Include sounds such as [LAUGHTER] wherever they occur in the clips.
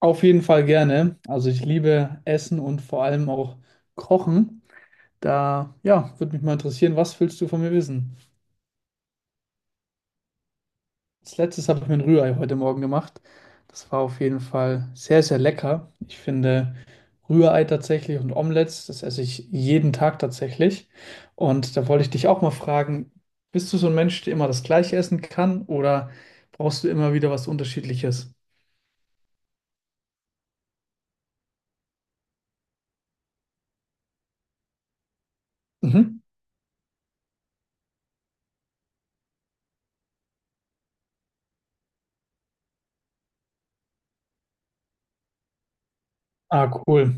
Auf jeden Fall gerne. Also ich liebe Essen und vor allem auch Kochen. Da, ja, würde mich mal interessieren, was willst du von mir wissen? Als letztes habe ich mir ein Rührei heute Morgen gemacht. Das war auf jeden Fall sehr, sehr lecker. Ich finde Rührei tatsächlich und Omelettes, das esse ich jeden Tag tatsächlich. Und da wollte ich dich auch mal fragen, bist du so ein Mensch, der immer das Gleiche essen kann oder brauchst du immer wieder was Unterschiedliches? Mhm. Ah, cool.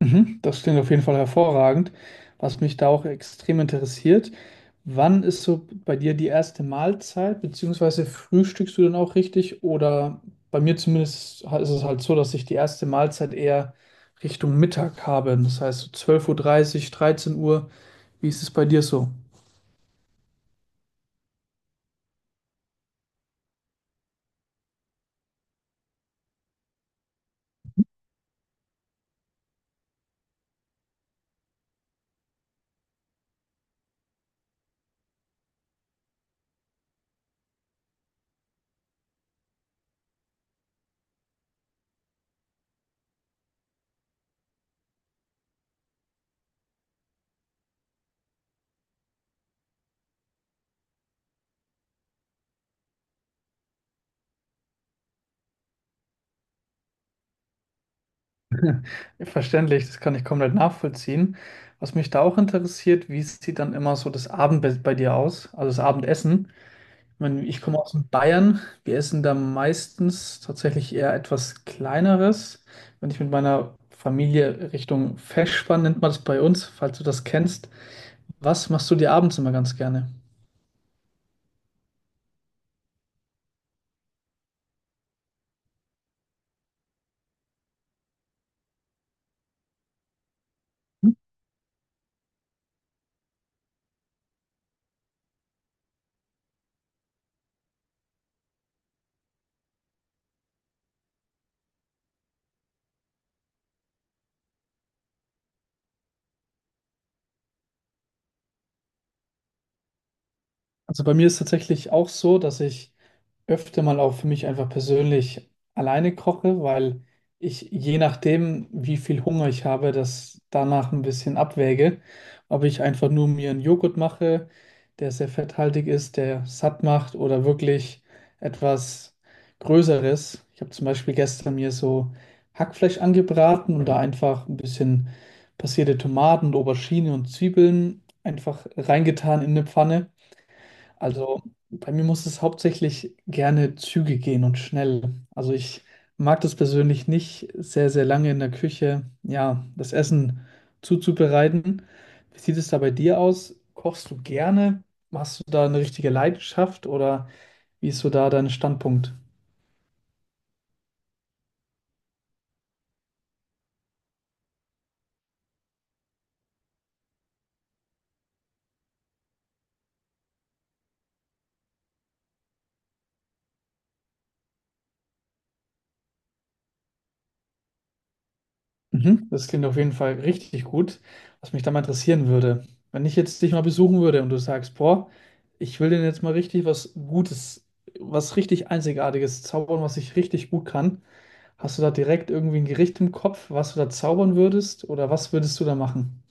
Mhm, das klingt auf jeden Fall hervorragend. Was mich da auch extrem interessiert, wann ist so bei dir die erste Mahlzeit, beziehungsweise frühstückst du dann auch richtig? Oder bei mir zumindest ist es halt so, dass ich die erste Mahlzeit eher Richtung Mittag habe. Das heißt so 12:30 Uhr, dreißig, 13 Uhr. Wie ist es bei dir so? [LAUGHS] Verständlich, das kann ich komplett nachvollziehen. Was mich da auch interessiert, wie sieht dann immer so das Abendbett bei dir aus, also das Abendessen? Ich meine, ich komme aus Bayern. Wir essen da meistens tatsächlich eher etwas Kleineres. Wenn ich mit meiner Familie Richtung Feschbar, nennt man das bei uns, falls du das kennst. Was machst du dir abends immer ganz gerne? Also bei mir ist tatsächlich auch so, dass ich öfter mal auch für mich einfach persönlich alleine koche, weil ich je nachdem, wie viel Hunger ich habe, das danach ein bisschen abwäge. Ob ich einfach nur mir einen Joghurt mache, der sehr fetthaltig ist, der satt macht oder wirklich etwas Größeres. Ich habe zum Beispiel gestern mir so Hackfleisch angebraten und da einfach ein bisschen passierte Tomaten, Aubergine und Zwiebeln einfach reingetan in eine Pfanne. Also bei mir muss es hauptsächlich gerne Züge gehen und schnell. Also ich mag das persönlich nicht, sehr, sehr lange in der Küche, ja, das Essen zuzubereiten. Wie sieht es da bei dir aus? Kochst du gerne? Hast du da eine richtige Leidenschaft oder wie ist so da dein Standpunkt? Mhm. Das klingt auf jeden Fall richtig gut. Was mich da mal interessieren würde, wenn ich jetzt dich mal besuchen würde und du sagst, boah, ich will denen jetzt mal richtig was Gutes, was richtig Einzigartiges zaubern, was ich richtig gut kann. Hast du da direkt irgendwie ein Gericht im Kopf, was du da zaubern würdest oder was würdest du da machen?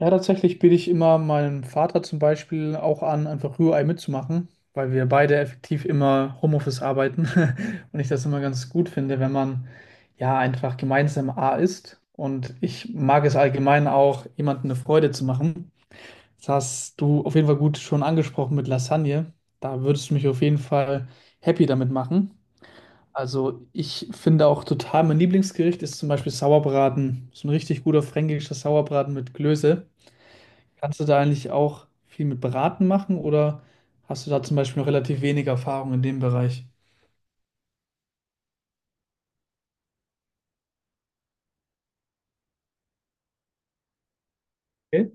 Ja, tatsächlich biete ich immer meinem Vater zum Beispiel auch an, einfach Rührei mitzumachen, weil wir beide effektiv immer Homeoffice arbeiten [LAUGHS] und ich das immer ganz gut finde, wenn man ja einfach gemeinsam A isst. Und ich mag es allgemein auch, jemandem eine Freude zu machen. Das hast du auf jeden Fall gut schon angesprochen mit Lasagne. Da würdest du mich auf jeden Fall happy damit machen. Also ich finde auch total, mein Lieblingsgericht ist zum Beispiel Sauerbraten. So ein richtig guter fränkischer Sauerbraten mit Klöße. Kannst du da eigentlich auch viel mit Beraten machen oder hast du da zum Beispiel noch relativ wenig Erfahrung in dem Bereich? Okay.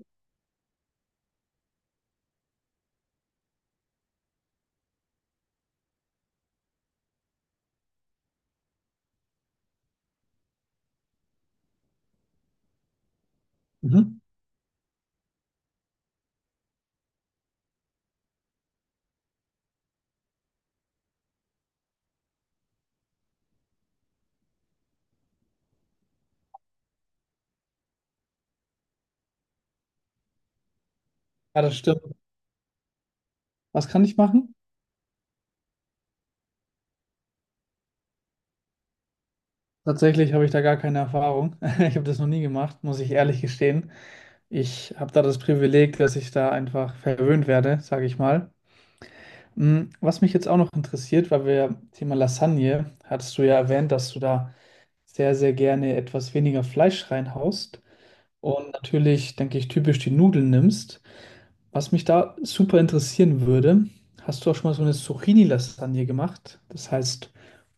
Mhm. Ja, das stimmt. Was kann ich machen? Tatsächlich habe ich da gar keine Erfahrung. [LAUGHS] Ich habe das noch nie gemacht, muss ich ehrlich gestehen. Ich habe da das Privileg, dass ich da einfach verwöhnt werde, sage ich mal. Hm, was mich jetzt auch noch interessiert, weil wir Thema Lasagne, hattest du ja erwähnt, dass du da sehr, sehr gerne etwas weniger Fleisch reinhaust und natürlich, denke ich, typisch die Nudeln nimmst. Was mich da super interessieren würde, hast du auch schon mal so eine Zucchini-Lasagne gemacht? Das heißt,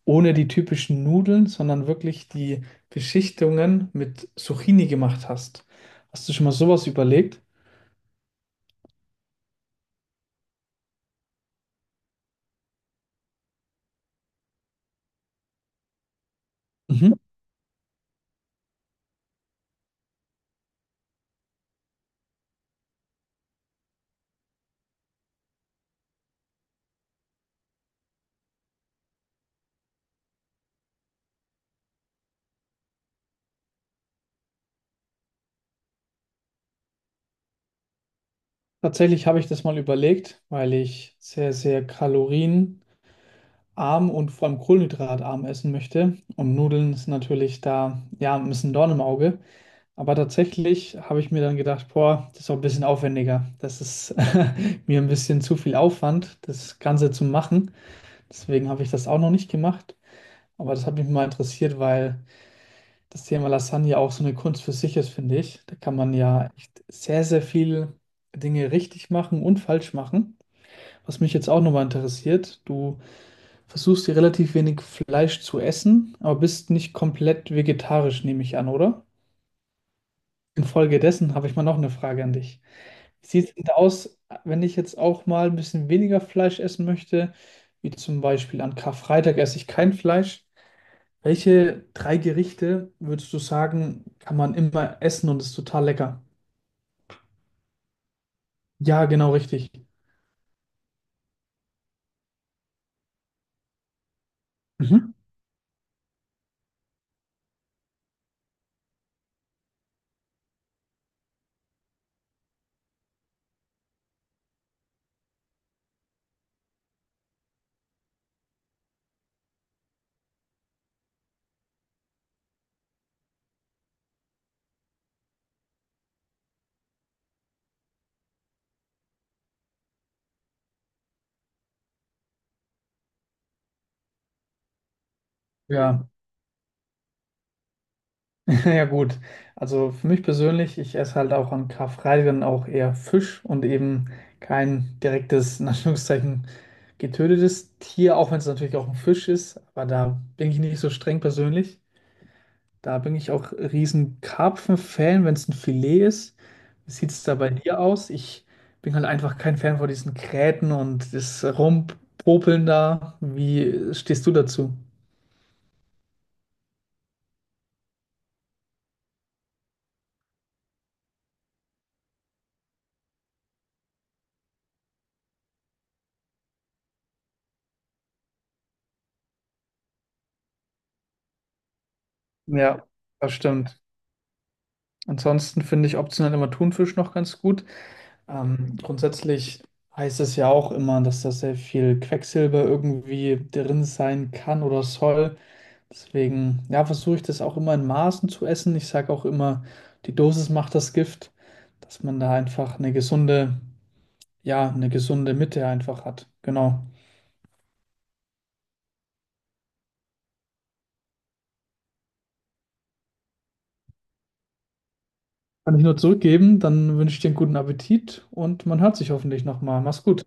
ohne die typischen Nudeln, sondern wirklich die Beschichtungen mit Zucchini gemacht hast. Hast du schon mal sowas überlegt? Mhm. Tatsächlich habe ich das mal überlegt, weil ich sehr, sehr kalorienarm und vor allem kohlenhydratarm essen möchte. Und Nudeln ist natürlich da, ja, ein bisschen Dorn im Auge. Aber tatsächlich habe ich mir dann gedacht, boah, das ist auch ein bisschen aufwendiger. Das ist [LAUGHS] mir ein bisschen zu viel Aufwand, das Ganze zu machen. Deswegen habe ich das auch noch nicht gemacht. Aber das hat mich mal interessiert, weil das Thema Lasagne auch so eine Kunst für sich ist, finde ich. Da kann man ja echt sehr, sehr viel Dinge richtig machen und falsch machen. Was mich jetzt auch nochmal interessiert, du versuchst hier relativ wenig Fleisch zu essen, aber bist nicht komplett vegetarisch, nehme ich an, oder? Infolgedessen habe ich mal noch eine Frage an dich. Wie sieht es denn aus, wenn ich jetzt auch mal ein bisschen weniger Fleisch essen möchte? Wie zum Beispiel an Karfreitag esse ich kein Fleisch. Welche drei Gerichte würdest du sagen, kann man immer essen und ist total lecker? Ja, genau richtig. Mhm. Ja, [LAUGHS] ja gut. Also für mich persönlich, ich esse halt auch an Karfreitag dann auch eher Fisch und eben kein direktes, in Anführungszeichen, getötetes Tier, auch wenn es natürlich auch ein Fisch ist, aber da bin ich nicht so streng persönlich. Da bin ich auch riesen Karpfen-Fan, wenn es ein Filet ist. Wie sieht es da bei dir aus? Ich bin halt einfach kein Fan von diesen Gräten und das Rumpopeln da. Wie stehst du dazu? Ja, das stimmt. Ansonsten finde ich optional immer Thunfisch noch ganz gut. Grundsätzlich heißt es ja auch immer, dass da sehr viel Quecksilber irgendwie drin sein kann oder soll. Deswegen, ja, versuche ich das auch immer in Maßen zu essen. Ich sage auch immer, die Dosis macht das Gift, dass man da einfach eine gesunde, ja, eine gesunde Mitte einfach hat. Genau. Kann ich nur zurückgeben, dann wünsche ich dir einen guten Appetit und man hört sich hoffentlich nochmal. Mach's gut.